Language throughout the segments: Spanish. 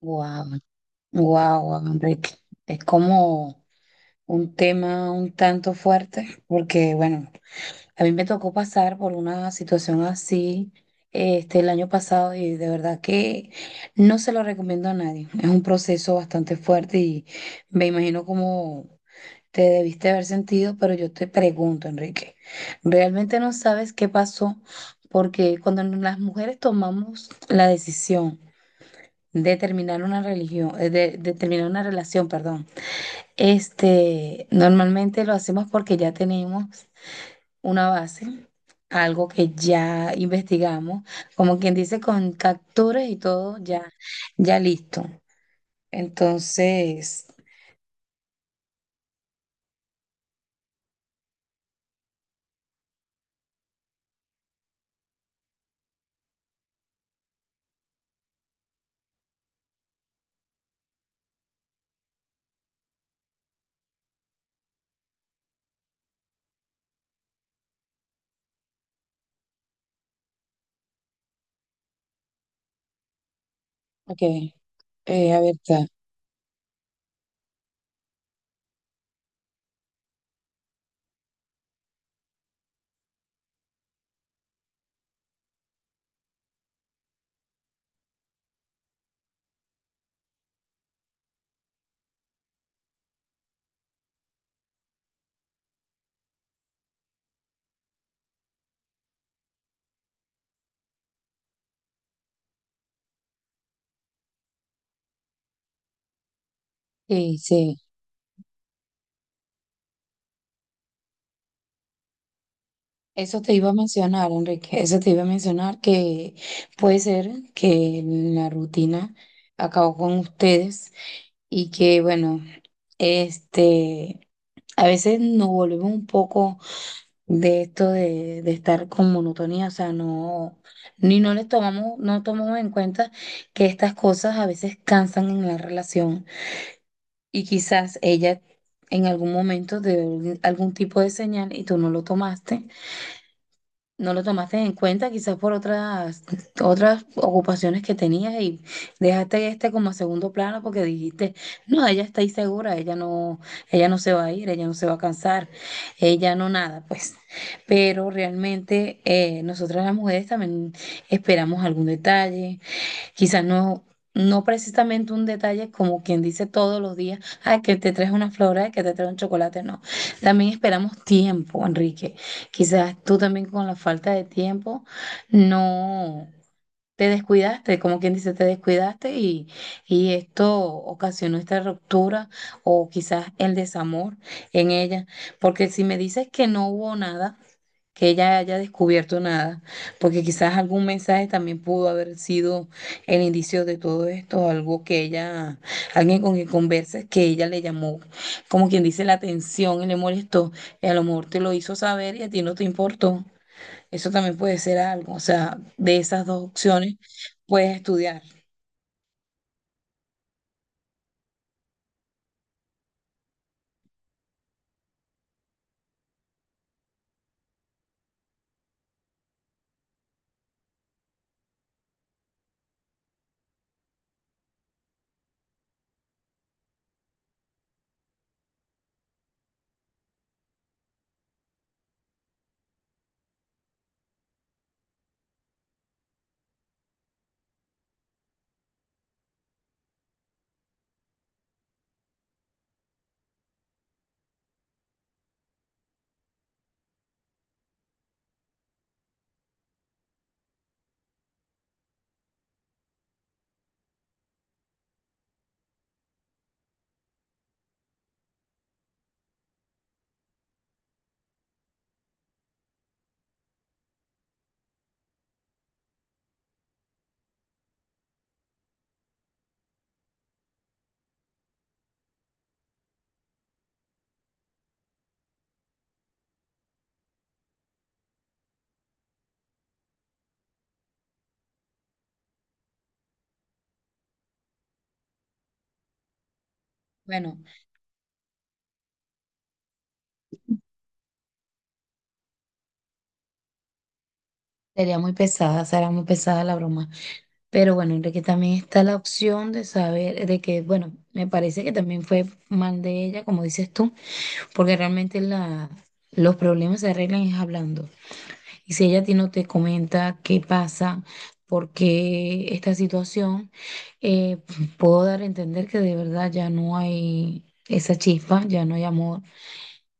Wow, wow, Enrique. Es como un tema un tanto fuerte, porque bueno, a mí me tocó pasar por una situación así el año pasado y de verdad que no se lo recomiendo a nadie. Es un proceso bastante fuerte y me imagino cómo te debiste haber sentido, pero yo te pregunto, Enrique, ¿realmente no sabes qué pasó? Porque cuando las mujeres tomamos la decisión de terminar una religión, de terminar una relación, perdón. Normalmente lo hacemos porque ya tenemos una base, algo que ya investigamos, como quien dice, con capturas y todo ya, ya listo. Entonces, ok, a ver, sí, sí. Eso te iba a mencionar, Enrique, eso te iba a mencionar que puede ser que la rutina acabó con ustedes y que bueno, este, a veces nos volvemos un poco de esto de estar con monotonía, o sea, no, ni no les tomamos, no tomamos en cuenta que estas cosas a veces cansan en la relación y quizás ella en algún momento dio algún tipo de señal y tú no lo tomaste no lo tomaste en cuenta, quizás por otras ocupaciones que tenías y dejaste este como a segundo plano porque dijiste, no, ella está ahí segura, ella no se va a ir, ella no se va a cansar, ella no nada, pues. Pero realmente nosotras las mujeres también esperamos algún detalle. Quizás no, No precisamente un detalle como quien dice todos los días, ay, que te traes una flor, ay, que te traes un chocolate, no. También esperamos tiempo, Enrique. Quizás tú también con la falta de tiempo no te descuidaste, como quien dice, te descuidaste, y esto ocasionó esta ruptura o quizás el desamor en ella. Porque si me dices que no hubo nada, que ella haya descubierto nada, porque quizás algún mensaje también pudo haber sido el indicio de todo esto, algo que ella, alguien con quien conversas, que ella le llamó, como quien dice, la atención y le molestó, y a lo mejor te lo hizo saber y a ti no te importó. Eso también puede ser algo, o sea, de esas dos opciones puedes estudiar. Bueno, sería muy pesada, será muy pesada la broma. Pero bueno, Enrique, también está la opción de saber, de que, bueno, me parece que también fue mal de ella, como dices tú. Porque realmente la, los problemas se arreglan es hablando. Y si ella a ti no te comenta qué pasa, por qué esta situación, eh, puedo dar a entender que de verdad ya no hay esa chispa, ya no hay amor.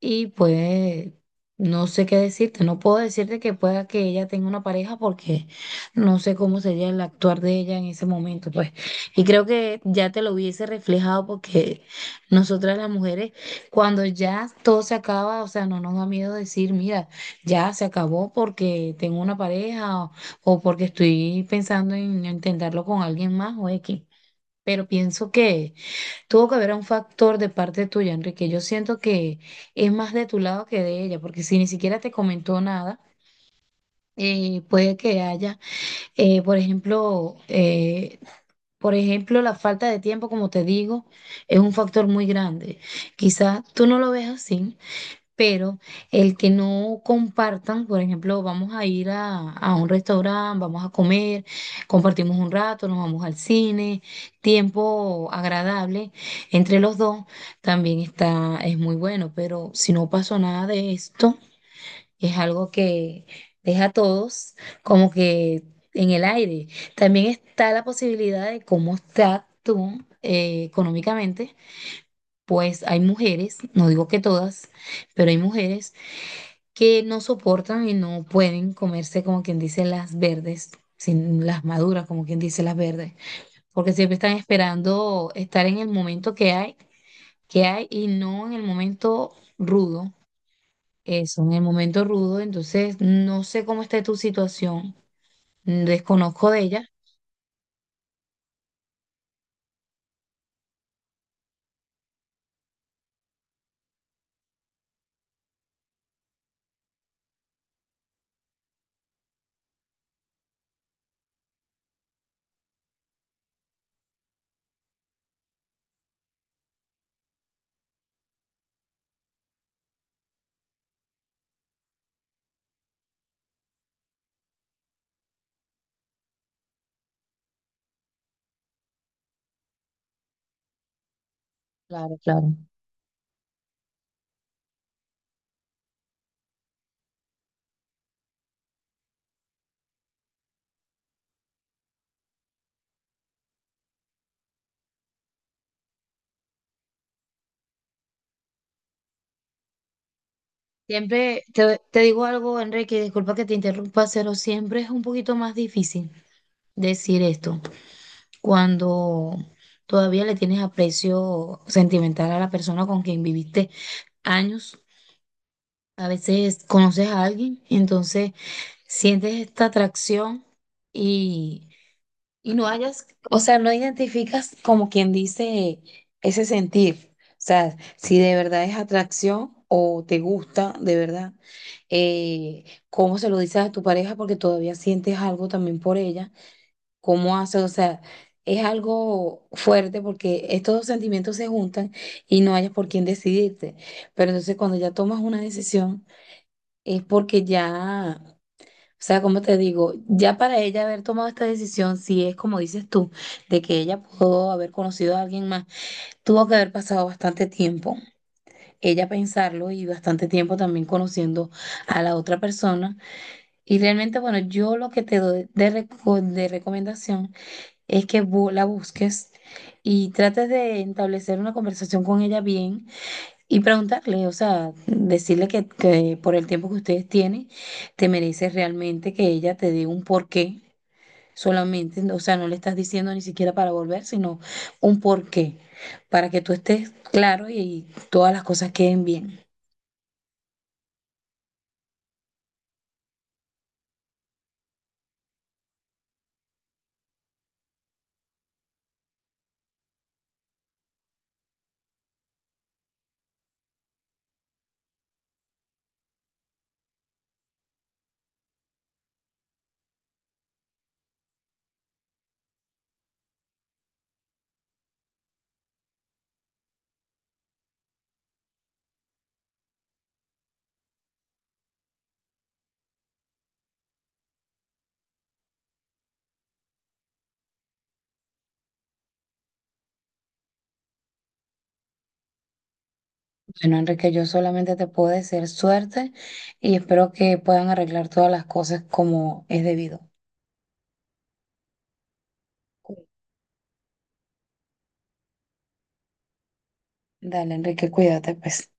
Y pues no sé qué decirte, no puedo decirte que pueda que ella tenga una pareja porque no sé cómo sería el actuar de ella en ese momento, pues. Y creo que ya te lo hubiese reflejado, porque nosotras las mujeres, cuando ya todo se acaba, o sea, no nos da miedo decir, mira, ya se acabó porque tengo una pareja o porque estoy pensando en intentarlo con alguien más o X. Pero pienso que tuvo que haber un factor de parte tuya, Enrique. Yo siento que es más de tu lado que de ella, porque si ni siquiera te comentó nada, puede que haya, eh, por ejemplo, eh, por ejemplo, la falta de tiempo, como te digo, es un factor muy grande. Quizás tú no lo ves así, pero el que no compartan, por ejemplo, vamos a ir a un restaurante, vamos a comer, compartimos un rato, nos vamos al cine, tiempo agradable entre los dos, también está, es muy bueno, pero si no pasó nada de esto, es algo que deja a todos como que en el aire. También está la posibilidad de cómo está tú económicamente. Pues hay mujeres, no digo que todas, pero hay mujeres que no soportan y no pueden comerse, como quien dice, las verdes, sin las maduras, como quien dice, las verdes, porque siempre están esperando estar en el momento que hay y no en el momento rudo. Eso, en el momento rudo, entonces no sé cómo está tu situación, desconozco de ella. Claro, claro. Siempre te digo algo, Enrique, disculpa que te interrumpa, pero siempre es un poquito más difícil decir esto, cuando todavía le tienes aprecio sentimental a la persona con quien viviste años. A veces conoces a alguien, entonces sientes esta atracción, y, y no hayas, o sea, no identificas, como quien dice, ese sentir. O sea, si de verdad es atracción o te gusta de verdad, eh, cómo se lo dices a tu pareja porque todavía sientes algo también por ella, cómo hace, o sea, es algo fuerte porque estos dos sentimientos se juntan y no hayas por quién decidirte. Pero entonces cuando ya tomas una decisión es porque ya, o sea, como te digo, ya para ella haber tomado esta decisión, si es como dices tú, de que ella pudo haber conocido a alguien más, tuvo que haber pasado bastante tiempo. Ella pensarlo y bastante tiempo también conociendo a la otra persona. Y realmente, bueno, yo lo que te doy de recomendación es que la busques y trates de establecer una conversación con ella bien y preguntarle, o sea, decirle que por el tiempo que ustedes tienen, te mereces realmente que ella te dé un porqué solamente, o sea, no le estás diciendo ni siquiera para volver, sino un porqué, para que tú estés claro y todas las cosas queden bien. Bueno, Enrique, yo solamente te puedo desear suerte y espero que puedan arreglar todas las cosas como es debido. Dale, Enrique, cuídate, pues.